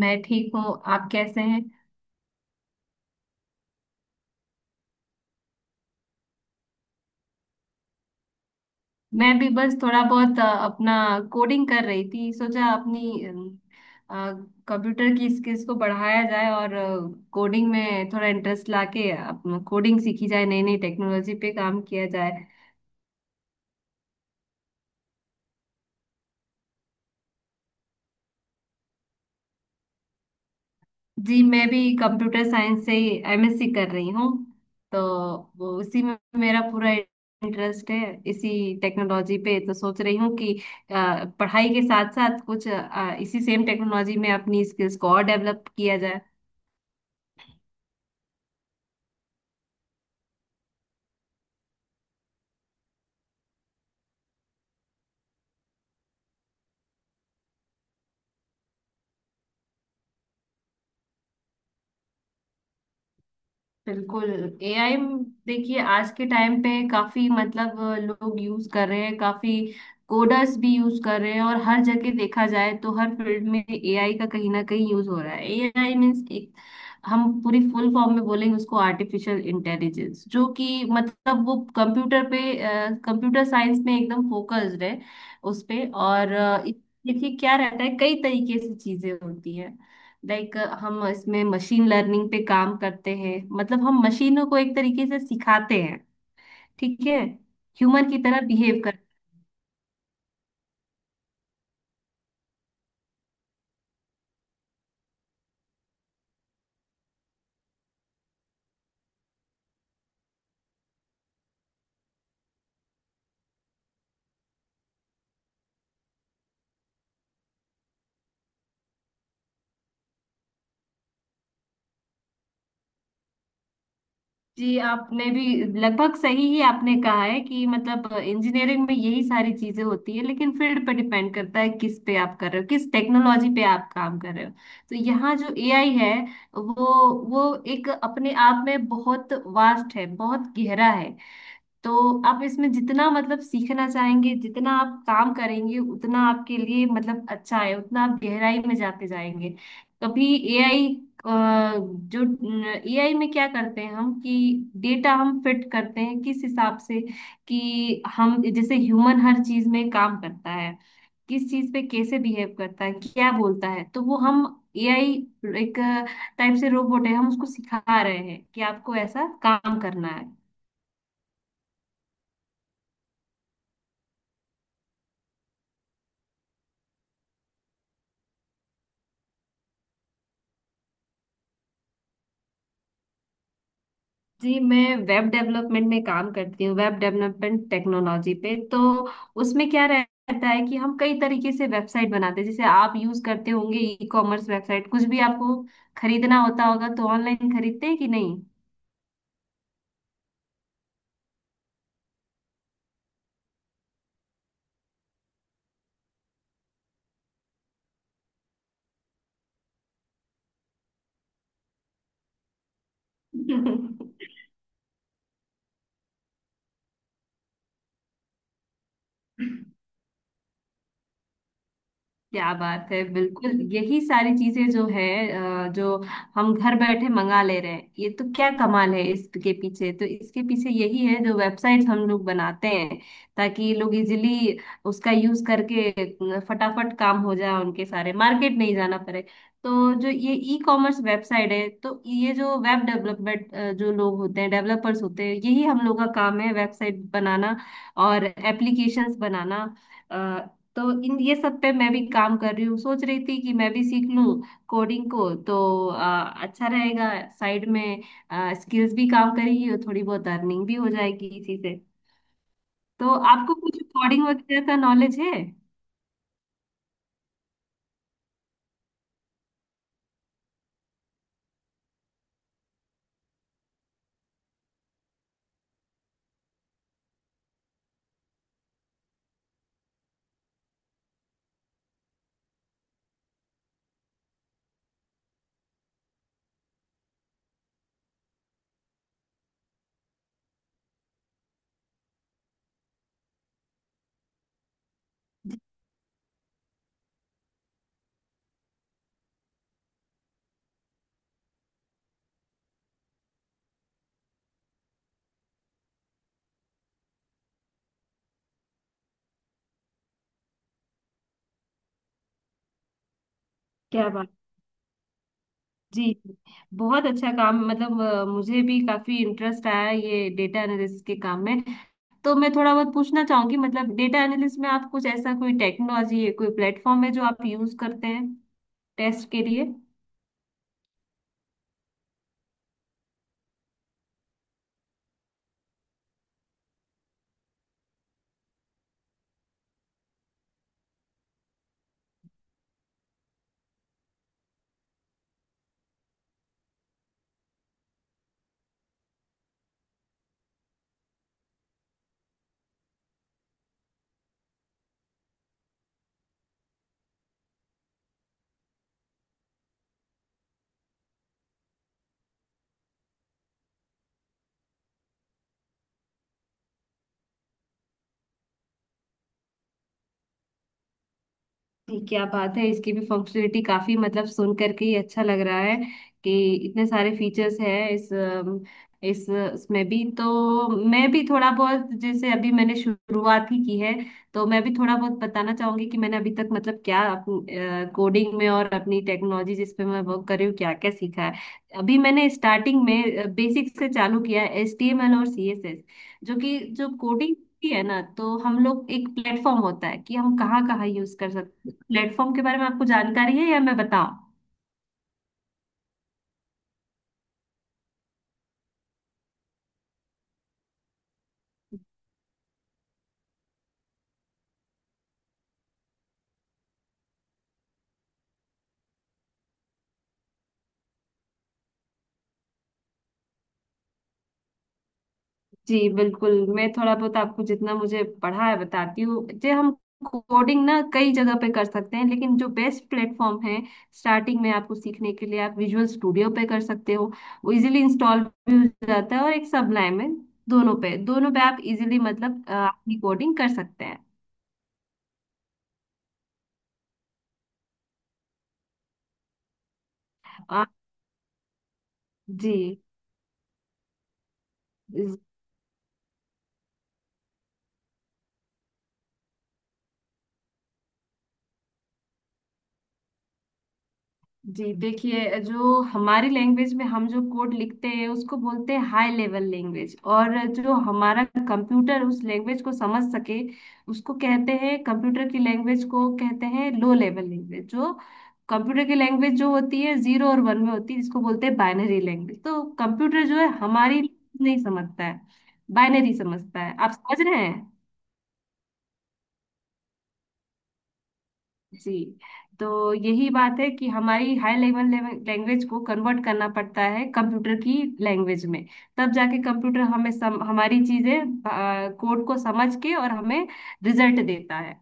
मैं ठीक हूँ। आप कैसे हैं? मैं भी बस थोड़ा बहुत अपना कोडिंग कर रही थी। सोचा अपनी कंप्यूटर की स्किल्स को बढ़ाया जाए और कोडिंग में थोड़ा इंटरेस्ट लाके अपना कोडिंग सीखी जाए, नई नई टेक्नोलॉजी पे काम किया जाए। जी, मैं भी कंप्यूटर साइंस से एमएससी कर रही हूँ। तो वो उसी में मेरा पूरा इंटरेस्ट है, इसी टेक्नोलॉजी पे। तो सोच रही हूँ कि पढ़ाई के साथ साथ कुछ इसी सेम टेक्नोलॉजी में अपनी स्किल्स को और डेवलप किया। बिल्कुल। एआई, देखिए आज के टाइम पे काफी मतलब लोग यूज कर रहे हैं, काफी कोडर्स भी यूज कर रहे हैं और हर जगह देखा जाए तो हर फील्ड में एआई का कहीं ना कहीं यूज हो रहा है। एआई मीन्स एक, हम पूरी फुल फॉर्म में बोलेंगे उसको आर्टिफिशियल इंटेलिजेंस, जो कि मतलब वो कंप्यूटर पे, कंप्यूटर साइंस में एकदम फोकस्ड है उस पे। और देखिए क्या रहता है, कई तरीके से चीजें होती है। लाइक हम इसमें मशीन लर्निंग पे काम करते हैं, मतलब हम मशीनों को एक तरीके से सिखाते हैं, ठीक है, ह्यूमन की तरह बिहेव कर। जी, आपने भी लगभग सही ही आपने कहा है कि मतलब इंजीनियरिंग में यही सारी चीजें होती है, लेकिन फील्ड पे डिपेंड करता है किस पे आप कर रहे हो, किस टेक्नोलॉजी पे आप काम कर रहे हो। तो यहाँ जो एआई है, वो वो एक अपने आप में बहुत वास्ट है, बहुत गहरा है। तो आप इसमें जितना मतलब सीखना चाहेंगे, जितना आप काम करेंगे, उतना आपके लिए मतलब अच्छा है, उतना आप गहराई में जाते जाएंगे। कभी एआई जो, एआई में क्या करते हैं हम कि डेटा हम फिट करते हैं किस हिसाब से कि हम जैसे ह्यूमन हर चीज में काम करता है, किस चीज पे कैसे बिहेव करता है, क्या बोलता है, तो वो हम एआई एक टाइप से रोबोट है, हम उसको सिखा रहे हैं कि आपको ऐसा काम करना है। जी, मैं वेब डेवलपमेंट में काम करती हूँ, वेब डेवलपमेंट टेक्नोलॉजी पे। तो उसमें क्या रहता है कि हम कई तरीके से वेबसाइट बनाते हैं। जैसे आप यूज करते होंगे ई कॉमर्स वेबसाइट, कुछ भी आपको खरीदना होता होगा तो ऑनलाइन खरीदते हैं कि नहीं? क्या बात है, बिल्कुल यही सारी चीजें जो है, जो हम घर बैठे मंगा ले रहे हैं, ये तो क्या कमाल है इसके पीछे। तो इसके पीछे यही है, जो वेबसाइट हम लोग बनाते हैं ताकि लोग इजीली उसका यूज करके फटाफट काम हो जाए, उनके सारे मार्केट नहीं जाना पड़े। तो जो ये ई कॉमर्स वेबसाइट है, तो ये जो वेब डेवलपमेंट, जो लोग होते हैं डेवलपर्स होते हैं, यही हम लोग का काम है, वेबसाइट बनाना और एप्लीकेशंस बनाना। तो इन ये सब पे मैं भी काम कर रही हूँ, सोच रही थी कि मैं भी सीख लूँ कोडिंग को, तो अच्छा रहेगा। साइड में स्किल्स भी काम करेगी और थोड़ी बहुत अर्निंग भी हो जाएगी इसी से। तो आपको कुछ कोडिंग वगैरह का नॉलेज है? क्या बात, जी जी। बहुत अच्छा काम, मतलब मुझे भी काफी इंटरेस्ट आया है ये डेटा एनालिस्ट के काम में। तो मैं थोड़ा बहुत पूछना चाहूंगी मतलब डेटा एनालिस्ट में आप कुछ ऐसा कोई टेक्नोलॉजी है, कोई प्लेटफॉर्म है जो आप यूज करते हैं टेस्ट के लिए? ये क्या बात है, इसकी भी फंक्शनलिटी काफी, मतलब सुन करके ही अच्छा लग रहा है कि इतने सारे फीचर्स हैं इस इसमें भी। तो मैं भी थोड़ा बहुत, जैसे अभी मैंने शुरुआत ही की है, तो मैं भी थोड़ा बहुत बताना चाहूंगी कि मैंने अभी तक मतलब क्या कोडिंग में और अपनी टेक्नोलॉजी जिस पे मैं वर्क कर रही हूँ क्या क्या सीखा है। अभी मैंने स्टार्टिंग में बेसिक से चालू किया है एचटीएमएल और सीएसएस। जो कि जो कोडिंग होती है ना, तो हम लोग एक प्लेटफॉर्म होता है कि हम कहाँ कहाँ यूज कर सकते, प्लेटफॉर्म के बारे में आपको जानकारी है या मैं बताऊं? जी बिल्कुल, मैं थोड़ा बहुत आपको जितना मुझे पढ़ा है बताती हूँ। जे हम कोडिंग ना कई जगह पे कर सकते हैं लेकिन जो बेस्ट प्लेटफॉर्म है स्टार्टिंग में आपको सीखने के लिए, आप विजुअल स्टूडियो पे कर सकते हो। वो इजीली इंस्टॉल भी हो जाता है, और एक सबलाइन में, दोनों पे, दोनों पे आप इजीली मतलब अपनी कोडिंग कर सकते हैं। अ, जी, जी, देखिए, जो हमारी लैंग्वेज में हम जो कोड लिखते हैं उसको बोलते हैं हाई लेवल लैंग्वेज, और जो हमारा कंप्यूटर उस लैंग्वेज को समझ सके, उसको कहते हैं कंप्यूटर की लैंग्वेज को कहते हैं लो लेवल लैंग्वेज। जो कंप्यूटर की लैंग्वेज जो होती है जीरो और वन में होती है, जिसको बोलते हैं बाइनरी लैंग्वेज। तो कंप्यूटर जो है हमारी नहीं समझता है, बाइनरी समझता है, आप समझ रहे हैं? जी। तो यही बात है कि हमारी हाई लेवल लैंग्वेज को कन्वर्ट करना पड़ता है कंप्यूटर की लैंग्वेज में, तब जाके कंप्यूटर हमें हमारी चीजें, कोड को समझ के और हमें रिजल्ट देता है।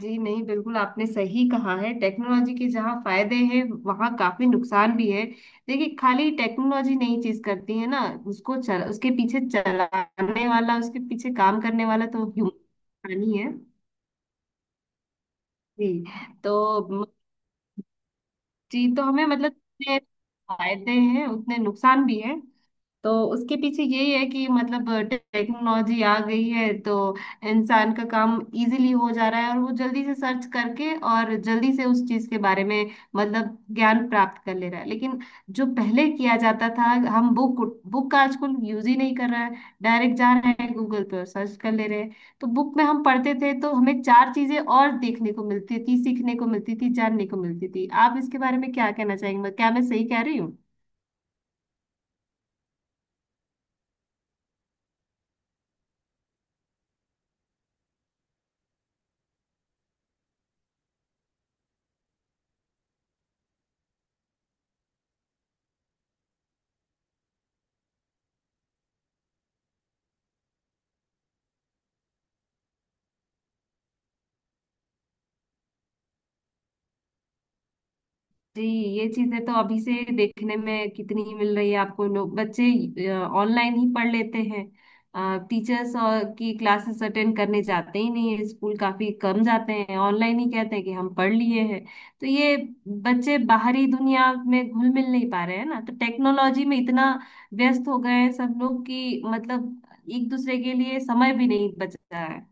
जी नहीं, बिल्कुल आपने सही कहा है, टेक्नोलॉजी के जहाँ फायदे हैं वहाँ काफी नुकसान भी है। देखिए, खाली टेक्नोलॉजी नई चीज करती है ना, उसको चल उसके पीछे चलाने वाला, उसके पीछे काम करने वाला तो ह्यूमन ही है। जी। तो जी तो हमें मतलब जितने फायदे हैं उतने नुकसान भी है। तो उसके पीछे यही है कि मतलब टेक्नोलॉजी आ गई है तो इंसान का काम इजीली हो जा रहा है, और वो जल्दी से सर्च करके और जल्दी से उस चीज के बारे में मतलब ज्ञान प्राप्त कर ले रहा है। लेकिन जो पहले किया जाता था, हम बुक बुक का आजकल यूज ही नहीं कर रहा है, डायरेक्ट जा रहे हैं गूगल पे और सर्च कर ले रहे हैं। तो बुक में हम पढ़ते थे तो हमें चार चीजें और देखने को मिलती थी, सीखने को मिलती थी, जानने को मिलती थी। आप इसके बारे में क्या कहना चाहेंगे, क्या मैं सही कह रही हूँ? जी, ये चीजें तो अभी से देखने में कितनी ही मिल रही है आपको। लोग, बच्चे ऑनलाइन ही पढ़ लेते हैं, टीचर्स और की क्लासेस अटेंड करने जाते ही नहीं है, स्कूल काफी कम जाते हैं, ऑनलाइन ही कहते हैं कि हम पढ़ लिए हैं। तो ये बच्चे बाहरी दुनिया में घुल मिल नहीं पा रहे हैं ना। तो टेक्नोलॉजी में इतना व्यस्त हो गए हैं सब लोग कि मतलब एक दूसरे के लिए समय भी नहीं बच रहा है।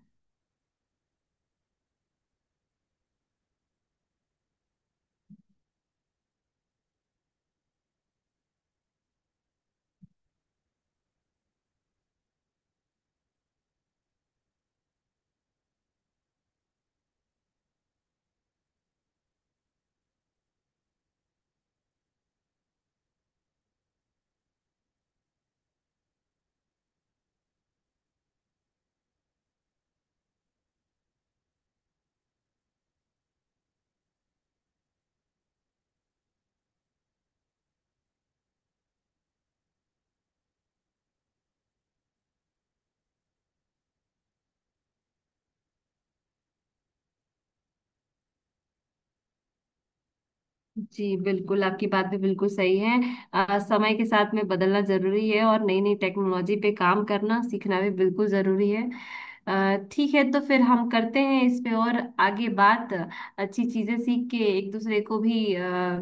जी बिल्कुल, आपकी बात भी बिल्कुल सही है। समय के साथ में बदलना जरूरी है और नई नई टेक्नोलॉजी पे काम करना सीखना भी बिल्कुल जरूरी है। ठीक है, तो फिर हम करते हैं इस पे और आगे बात, अच्छी चीजें सीख के एक दूसरे को भी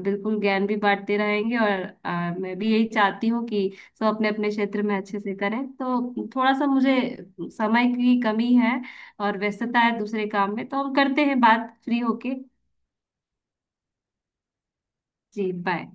बिल्कुल ज्ञान भी बांटते रहेंगे। और मैं भी यही चाहती हूँ कि सब अपने अपने क्षेत्र में अच्छे से करें। तो थोड़ा सा मुझे समय की कमी है और व्यस्तता है दूसरे काम में, तो हम करते हैं बात फ्री होके। जी, बाय।